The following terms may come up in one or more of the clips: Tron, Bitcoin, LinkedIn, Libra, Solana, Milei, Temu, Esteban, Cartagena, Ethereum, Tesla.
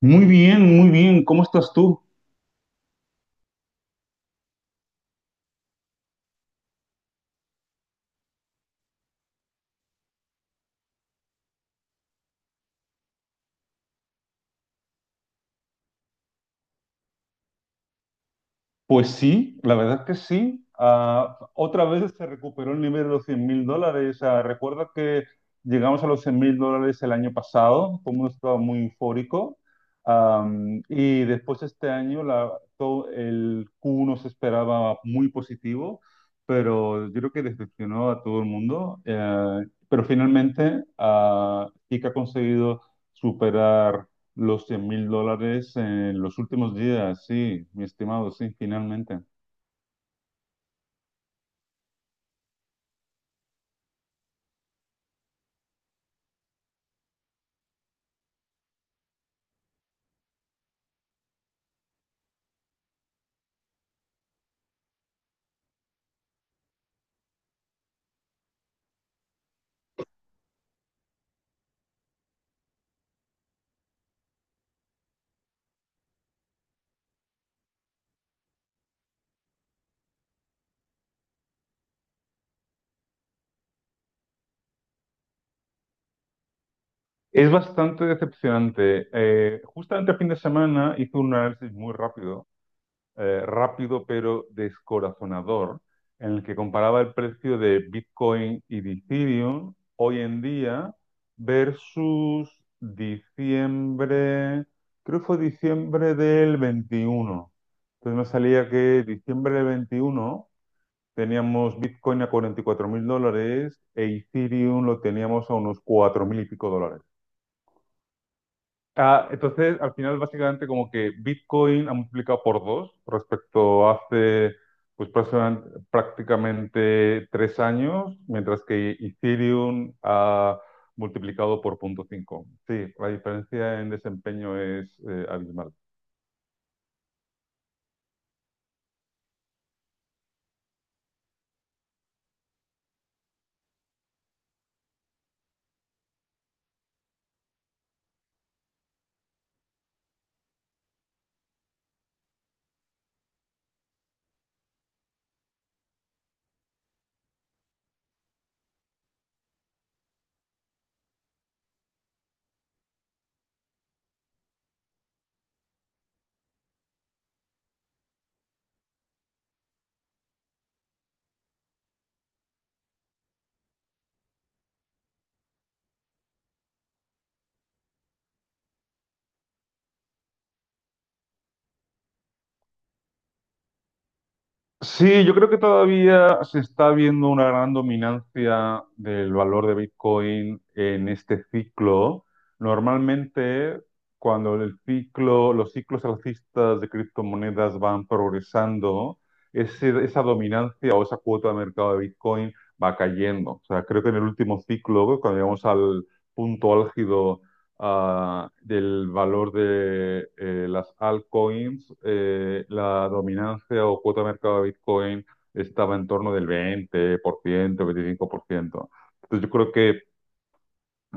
Muy bien, muy bien. ¿Cómo estás tú? Pues sí, la verdad que sí. Otra vez se recuperó el nivel de los $100.000. Recuerda que llegamos a los $100.000 el año pasado, como un estado muy eufórico. Y después este año todo el Q1 se esperaba muy positivo, pero yo creo que decepcionó a todo el mundo. Pero finalmente sí que ha conseguido superar los $100.000 en los últimos días, sí, mi estimado, sí, finalmente. Es bastante decepcionante. Justamente el fin de semana hice un análisis muy rápido, rápido pero descorazonador, en el que comparaba el precio de Bitcoin y de Ethereum hoy en día versus diciembre, creo que fue diciembre del 21. Entonces me salía que diciembre del 21 teníamos Bitcoin a 44 mil dólares e Ethereum lo teníamos a unos 4 mil y pico dólares. Entonces, al final, básicamente, como que Bitcoin ha multiplicado por dos respecto a hace pues, prácticamente 3 años, mientras que Ethereum ha multiplicado por 0.5. Sí, la diferencia en desempeño es abismal. Sí, yo creo que todavía se está viendo una gran dominancia del valor de Bitcoin en este ciclo. Normalmente, cuando el ciclo, los ciclos alcistas de criptomonedas van progresando, esa dominancia o esa cuota de mercado de Bitcoin va cayendo. O sea, creo que en el último ciclo, cuando llegamos al punto álgido del valor de las altcoins, la dominancia o cuota de mercado de Bitcoin estaba en torno del 20%, 25%. Entonces yo creo que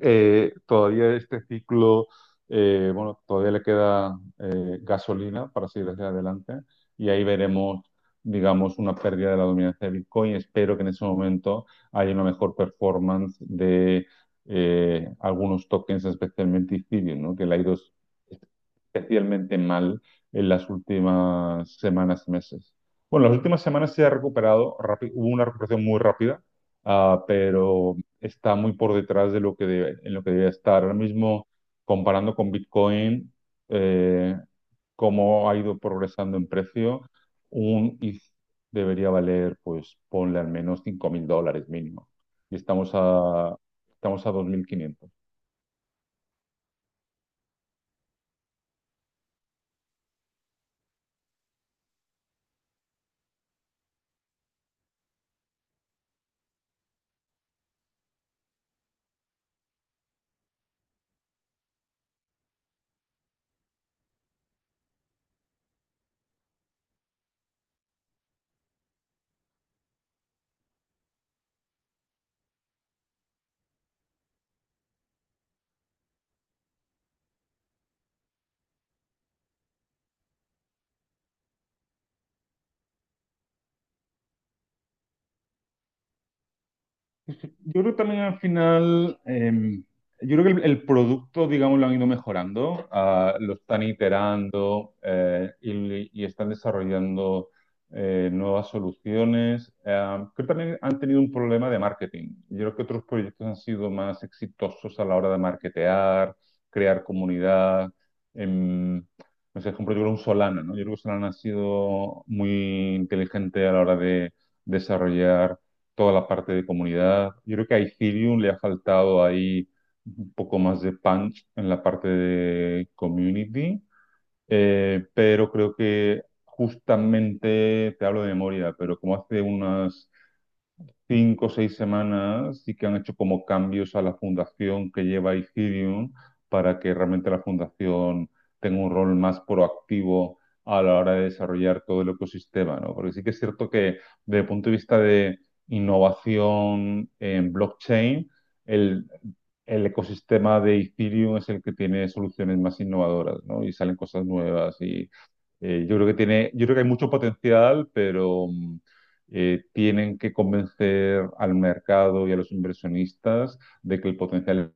todavía este ciclo, bueno, todavía le queda gasolina para seguir hacia adelante y ahí veremos, digamos, una pérdida de la dominancia de Bitcoin. Espero que en ese momento haya una mejor performance de algunos tokens, especialmente Ethereum, ¿no? Que le ha ido especialmente mal en las últimas semanas y meses. Bueno, las últimas semanas se ha recuperado, hubo una recuperación muy rápida, pero está muy por detrás de lo que debe, en lo que debe estar. Ahora mismo, comparando con Bitcoin, eh, cómo ha ido progresando en precio, un ETH debería valer, pues ponle al menos $5.000 mínimo. Y estamos a 2.500. Yo creo que también al final, yo creo que el producto, digamos, lo han ido mejorando, lo están iterando y están desarrollando nuevas soluciones. Creo que también han tenido un problema de marketing. Yo creo que otros proyectos han sido más exitosos a la hora de marketear, crear comunidad. em, no sé, por ejemplo, yo creo un Solana, ¿no? Yo creo que Solana ha sido muy inteligente a la hora de desarrollar toda la parte de comunidad. Yo creo que a Ethereum le ha faltado ahí un poco más de punch en la parte de community, pero creo que justamente, te hablo de memoria, pero como hace unas 5 o 6 semanas sí que han hecho como cambios a la fundación que lleva Ethereum para que realmente la fundación tenga un rol más proactivo a la hora de desarrollar todo el ecosistema, ¿no? Porque sí que es cierto que desde el punto de vista de innovación en blockchain, el, el ecosistema de Ethereum es el que tiene soluciones más innovadoras, ¿no? Y salen cosas nuevas y yo creo que hay mucho potencial, pero tienen que convencer al mercado y a los inversionistas de que el potencial.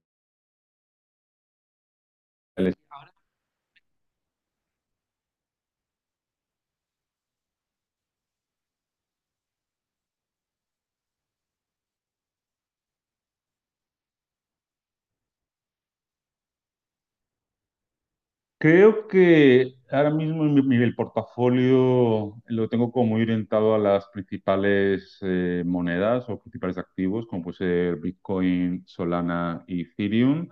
Creo que ahora mismo el portafolio lo tengo como muy orientado a las principales monedas o principales activos, como puede ser Bitcoin, Solana y Ethereum.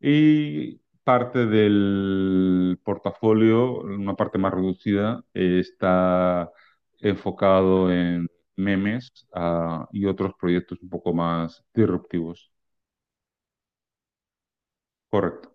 Y parte del portafolio, una parte más reducida, está enfocado en memes, y otros proyectos un poco más disruptivos. Correcto.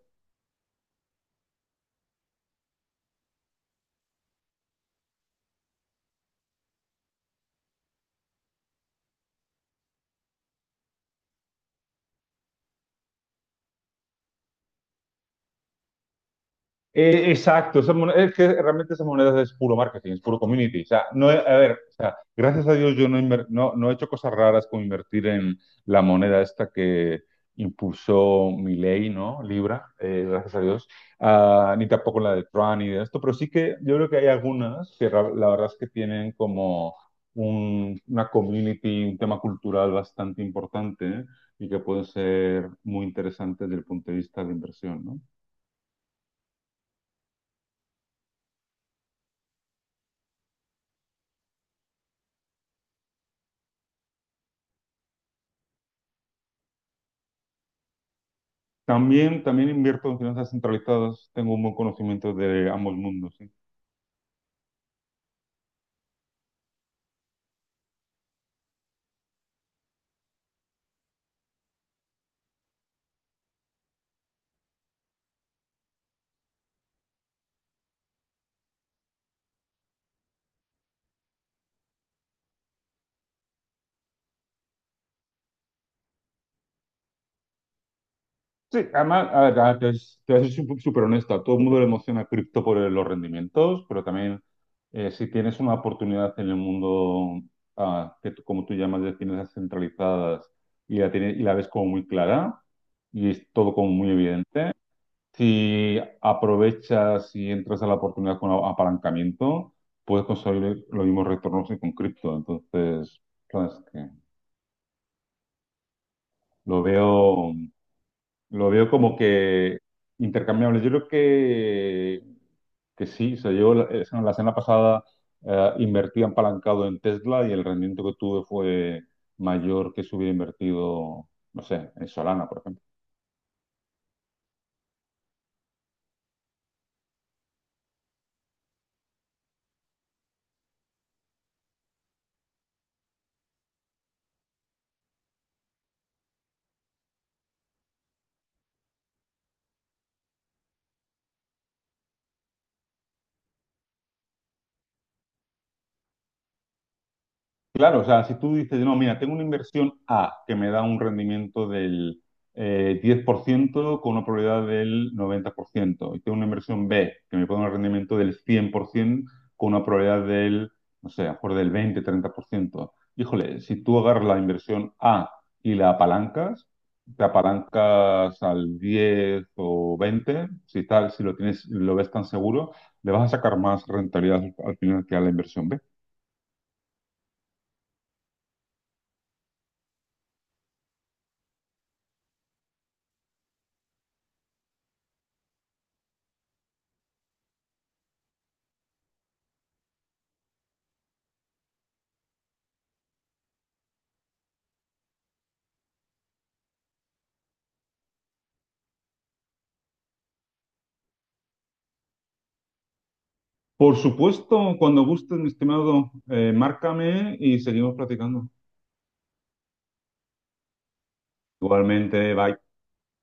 Exacto, es que realmente esas monedas es puro marketing, es puro community. O sea, no, a ver, o sea, gracias a Dios yo no he hecho cosas raras como invertir en la moneda esta que impulsó Milei, ¿no? Libra, gracias a Dios. Ah, ni tampoco la de Tron ni de esto, pero sí que yo creo que hay algunas que la verdad es que tienen como una community, un tema cultural bastante importante, ¿eh? Y que pueden ser muy interesantes desde el punto de vista de inversión, ¿no? También invierto en finanzas centralizadas, tengo un buen conocimiento de ambos mundos, sí. Sí, además, a ver, te voy súper honesta, a todo el mundo le emociona cripto por los rendimientos, pero también si tienes una oportunidad en el mundo, que como tú llamas, de finanzas centralizadas y la, tienes, y la ves como muy clara y es todo como muy evidente, si aprovechas y entras a la oportunidad con apalancamiento, puedes conseguir los mismos retornos que con cripto. Entonces, sabes que Lo veo, lo veo como que intercambiable. Yo creo que sí. O sea, yo la semana pasada invertí apalancado en Tesla y el rendimiento que tuve fue mayor que si hubiera invertido, no sé, en Solana, por ejemplo. Claro, o sea, si tú dices, no, mira, tengo una inversión A que me da un rendimiento del 10% con una probabilidad del 90%, y tengo una inversión B que me puede dar un rendimiento del 100% con una probabilidad del, no sé, a lo mejor del 20-30%. Híjole, si tú agarras la inversión A y la apalancas, te apalancas al 10 o 20, si tal, si lo tienes, lo ves tan seguro, le vas a sacar más rentabilidad al final que a la inversión B. Por supuesto, cuando gusten, mi estimado, márcame y seguimos platicando. Igualmente, bye.